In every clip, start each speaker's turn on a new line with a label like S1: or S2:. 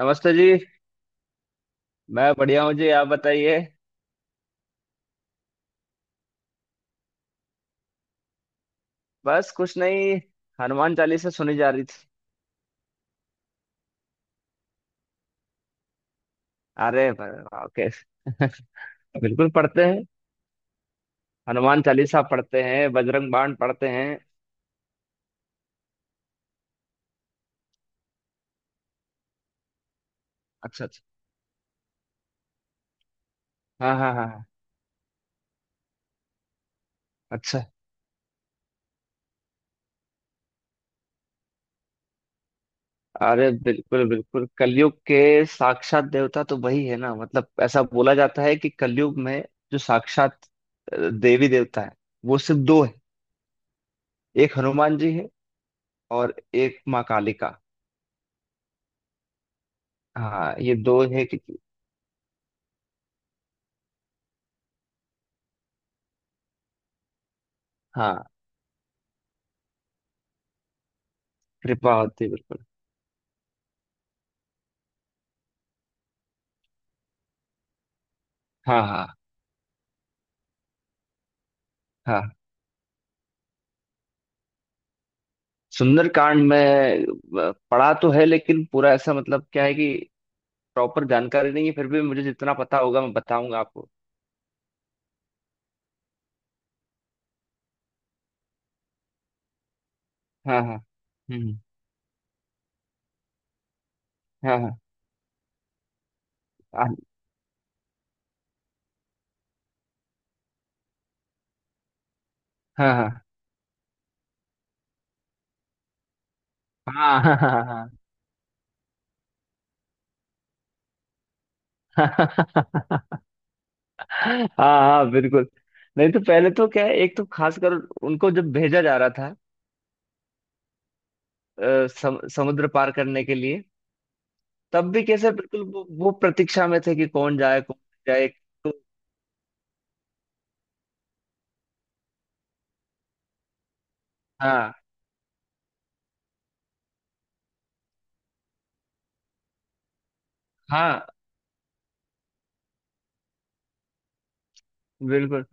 S1: नमस्ते जी। मैं बढ़िया हूँ जी, आप बताइए। बस कुछ नहीं, हनुमान चालीसा सुनी जा रही थी। ओके, बिल्कुल पढ़ते हैं। हनुमान चालीसा पढ़ते हैं, बजरंग बाण पढ़ते हैं। अच्छा अच्छा। हाँ हाँ हाँ हाँ। अच्छा। अरे बिल्कुल बिल्कुल, कलयुग के साक्षात देवता तो वही है ना। मतलब ऐसा बोला जाता है कि कलयुग में जो साक्षात देवी देवता है वो सिर्फ दो है। एक हनुमान जी है और एक माँ कालिका। हाँ ये दो है कि हाँ, कृपा होती है बिल्कुल। हाँ हाँ हाँ। सुंदरकांड में पढ़ा तो है लेकिन पूरा ऐसा मतलब क्या है कि प्रॉपर जानकारी नहीं है। फिर भी मुझे जितना पता होगा मैं बताऊंगा आपको। हाँ हाँ। हम्म। हाँ हाँ हाँ हाँ हाँ हाँ हाँ हाँ हाँ। हाँ, हाँ, बिल्कुल। नहीं तो पहले तो क्या है, एक तो खासकर उनको जब भेजा जा रहा था समुद्र पार करने के लिए, तब भी कैसे बिल्कुल वो प्रतीक्षा में थे कि कौन जाए तो। हाँ हाँ। बिल्कुल,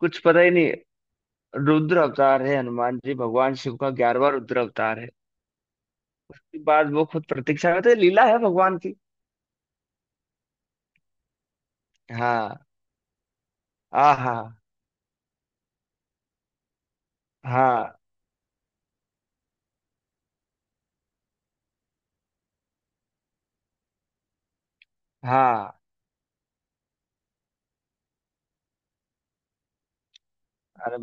S1: कुछ पता ही नहीं। रुद्र अवतार है, हनुमान जी भगवान शिव का ग्यारहवा रुद्र अवतार है। उसके बाद वो खुद प्रतीक्षा करते हैं, लीला है भगवान की। हाँ। आ हाँ। हाँ हाँ। अरे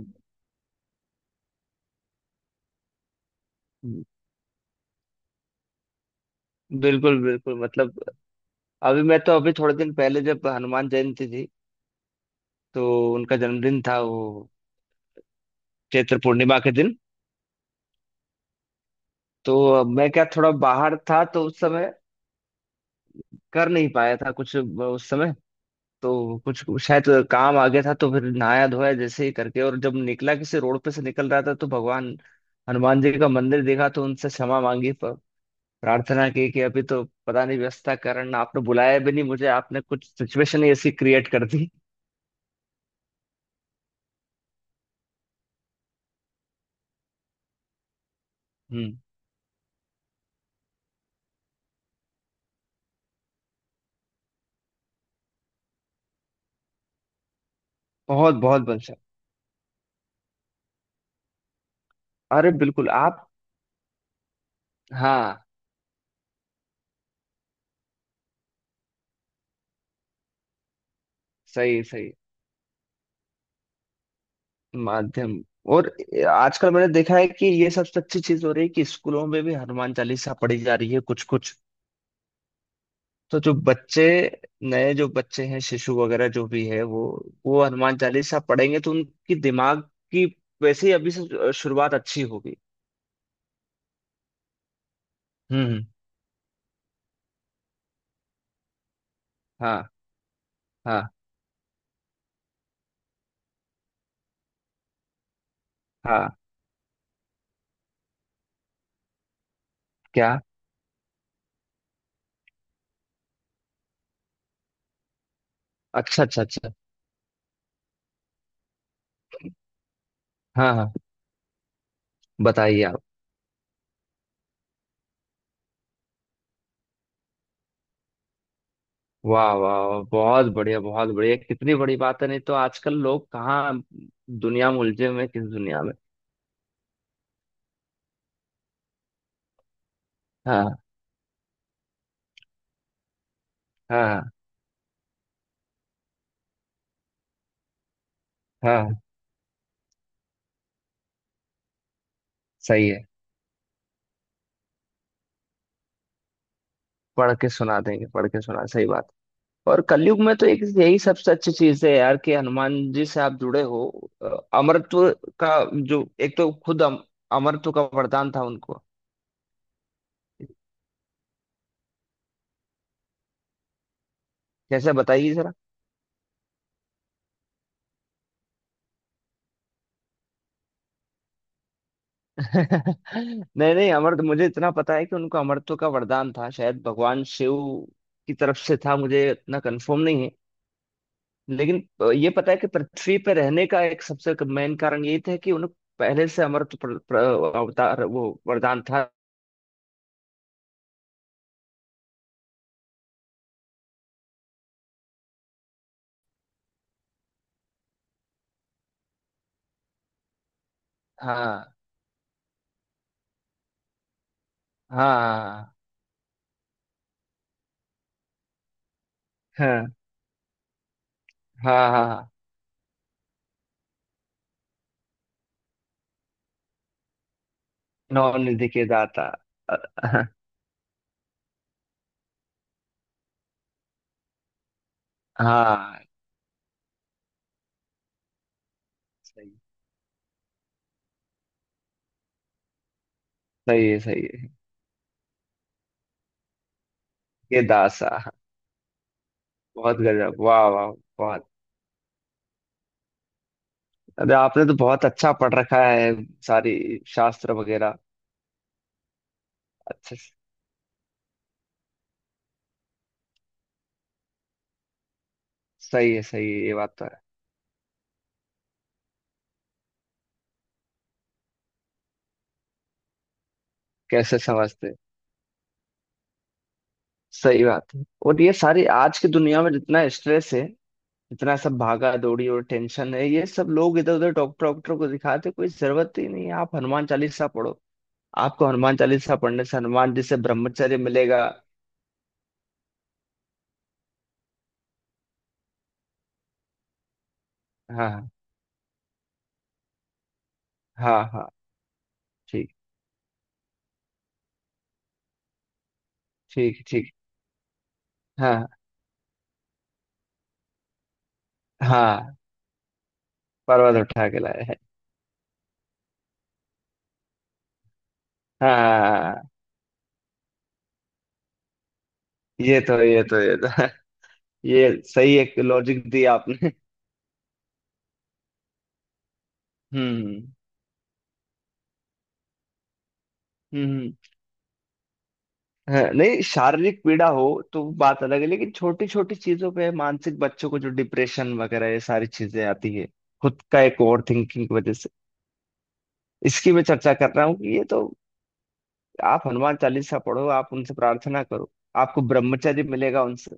S1: बिल्कुल बिल्कुल, मतलब अभी मैं तो, अभी थोड़े दिन पहले जब हनुमान जयंती थी, तो उनका जन्मदिन था वो चैत्र पूर्णिमा के दिन। तो मैं क्या, थोड़ा बाहर था तो उस समय कर नहीं पाया था कुछ उस समय। तो कुछ शायद काम आ गया था, तो फिर नहाया धोया जैसे ही करके, और जब निकला, किसी रोड पे से निकल रहा था, तो भगवान हनुमान जी का मंदिर देखा, तो उनसे क्षमा मांगी, प्रार्थना की कि अभी तो पता नहीं व्यस्तता के कारण आपने बुलाया भी नहीं मुझे, आपने कुछ सिचुएशन ही ऐसी क्रिएट कर दी। हम्म। बहुत बहुत बलशाली। अरे बिल्कुल आप। हाँ। सही सही। माध्यम। और आजकल मैंने देखा है कि ये सबसे अच्छी चीज हो रही है कि स्कूलों में भी हनुमान चालीसा पढ़ी जा रही है कुछ कुछ। तो जो बच्चे, नए जो बच्चे हैं शिशु वगैरह जो भी है, वो हनुमान चालीसा पढ़ेंगे तो उनकी दिमाग की वैसे ही अभी से शुरुआत अच्छी होगी। हम्म। हाँ हाँ हाँ। क्या। अच्छा अच्छा अच्छा। हाँ हाँ। बताइए आप। वाह वाह वाह, बहुत बढ़िया बहुत बढ़िया, कितनी बड़ी बात है। नहीं तो आजकल लोग कहाँ दुनिया में उलझे हुए हैं, किस दुनिया में। हाँ हाँ हाँ हाँ। सही है। पढ़ के सुना देंगे, पढ़ के सुना, सही बात। और कलयुग में तो एक यही सबसे अच्छी चीज है यार कि हनुमान जी से आप जुड़े हो। अ, अमरत्व का जो, एक तो खुद अमरत्व का वरदान था उनको। कैसे, बताइए जरा। नहीं नहीं, अमर, मुझे इतना पता है कि उनको अमरत्व का वरदान था शायद भगवान शिव की तरफ से था, मुझे इतना कंफर्म नहीं है। लेकिन ये पता है कि पृथ्वी पर रहने का एक सबसे मेन कारण यही था कि उन्हें पहले से अमरत्व अवतार वो वरदान था। हाँ हाँ हाँ हाँ हाँ हाँ। नॉन निधि के दाता। अ- हाँ हाँ, सही। सही है, सही है। के दासा हाँ। बहुत गजब वाह वाह। बहुत। अरे आपने तो बहुत अच्छा पढ़ रखा है, सारी शास्त्र वगैरह। अच्छा। सही है सही है, ये बात तो है। कैसे समझते। सही बात है। और ये सारी आज की दुनिया में जितना स्ट्रेस है, जितना सब भागा दौड़ी और टेंशन है, ये सब लोग इधर उधर डॉक्टर डॉक्टर को दिखाते, कोई जरूरत ही नहीं है, आप हनुमान चालीसा पढ़ो। आपको हनुमान चालीसा पढ़ने से हनुमान जी से ब्रह्मचर्य मिलेगा। हाँ हाँ। हाँ हाँ। ठीक ठीक ठीक। हाँ हाँ। पर्वत उठा के लाए हैं। हाँ। ये तो, ये तो, ये तो ये सही एक लॉजिक दी आपने। हम्म। हम्म, हम्म। हाँ, नहीं शारीरिक पीड़ा हो तो बात अलग है, लेकिन छोटी छोटी चीजों पे मानसिक, बच्चों को जो डिप्रेशन वगैरह ये सारी चीजें आती है, खुद का एक ओवर थिंकिंग की वजह से, इसकी मैं चर्चा कर रहा हूँ कि ये तो आप हनुमान चालीसा पढ़ो, आप उनसे प्रार्थना करो, आपको ब्रह्मचर्य मिलेगा उनसे।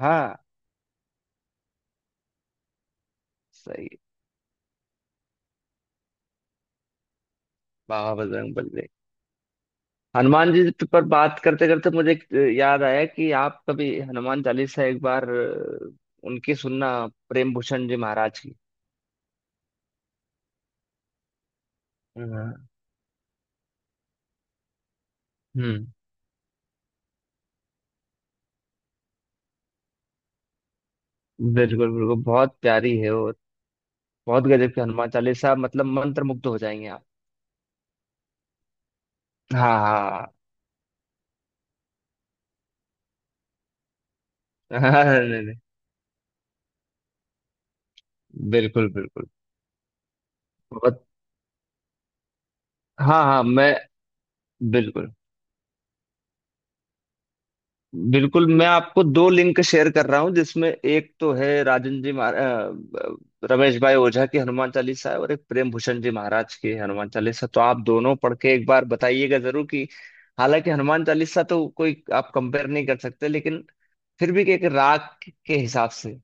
S1: हाँ। सही। बाबा बजरंग बल। हनुमान जी पर बात करते करते मुझे एक, याद आया कि आप कभी हनुमान चालीसा एक बार उनकी सुनना, प्रेम भूषण जी महाराज की। हाँ। हम्म। बिल्कुल बिल्कुल, बहुत प्यारी है और बहुत गजब की हनुमान चालीसा, मतलब मंत्र मुग्ध हो जाएंगे आप। हाँ हाँ। हाँ, नहीं, नहीं। बिल्कुल बिल्कुल। बहुत। हाँ हाँ मैं। बिल्कुल। बिल्कुल, मैं आपको दो लिंक शेयर कर रहा हूँ, जिसमें एक तो है राजन जी रमेश भाई ओझा की हनुमान चालीसा है, और एक प्रेम भूषण जी महाराज की हनुमान चालीसा। तो आप दोनों पढ़ के एक बार बताइएगा जरूर कि, हालांकि हनुमान चालीसा तो कोई आप कंपेयर नहीं कर सकते, लेकिन फिर भी एक राग के हिसाब से।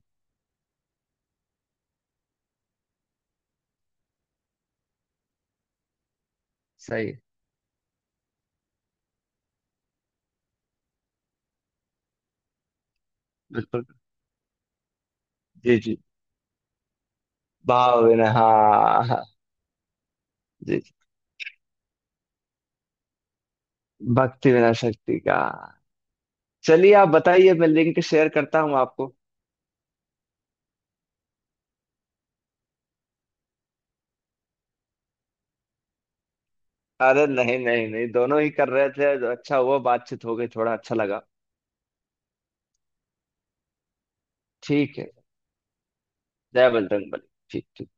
S1: सही है। बिल्कुल। जी जी। भाव बिना हाँ हाँ, जी जी। भक्ति बिना शक्ति का। चलिए आप बताइए, मैं लिंक शेयर करता हूँ आपको। अरे नहीं नहीं नहीं, दोनों ही कर रहे थे, अच्छा हुआ, बातचीत हो गई, थोड़ा अच्छा लगा। ठीक है। जय बजरंगबली। ठीक।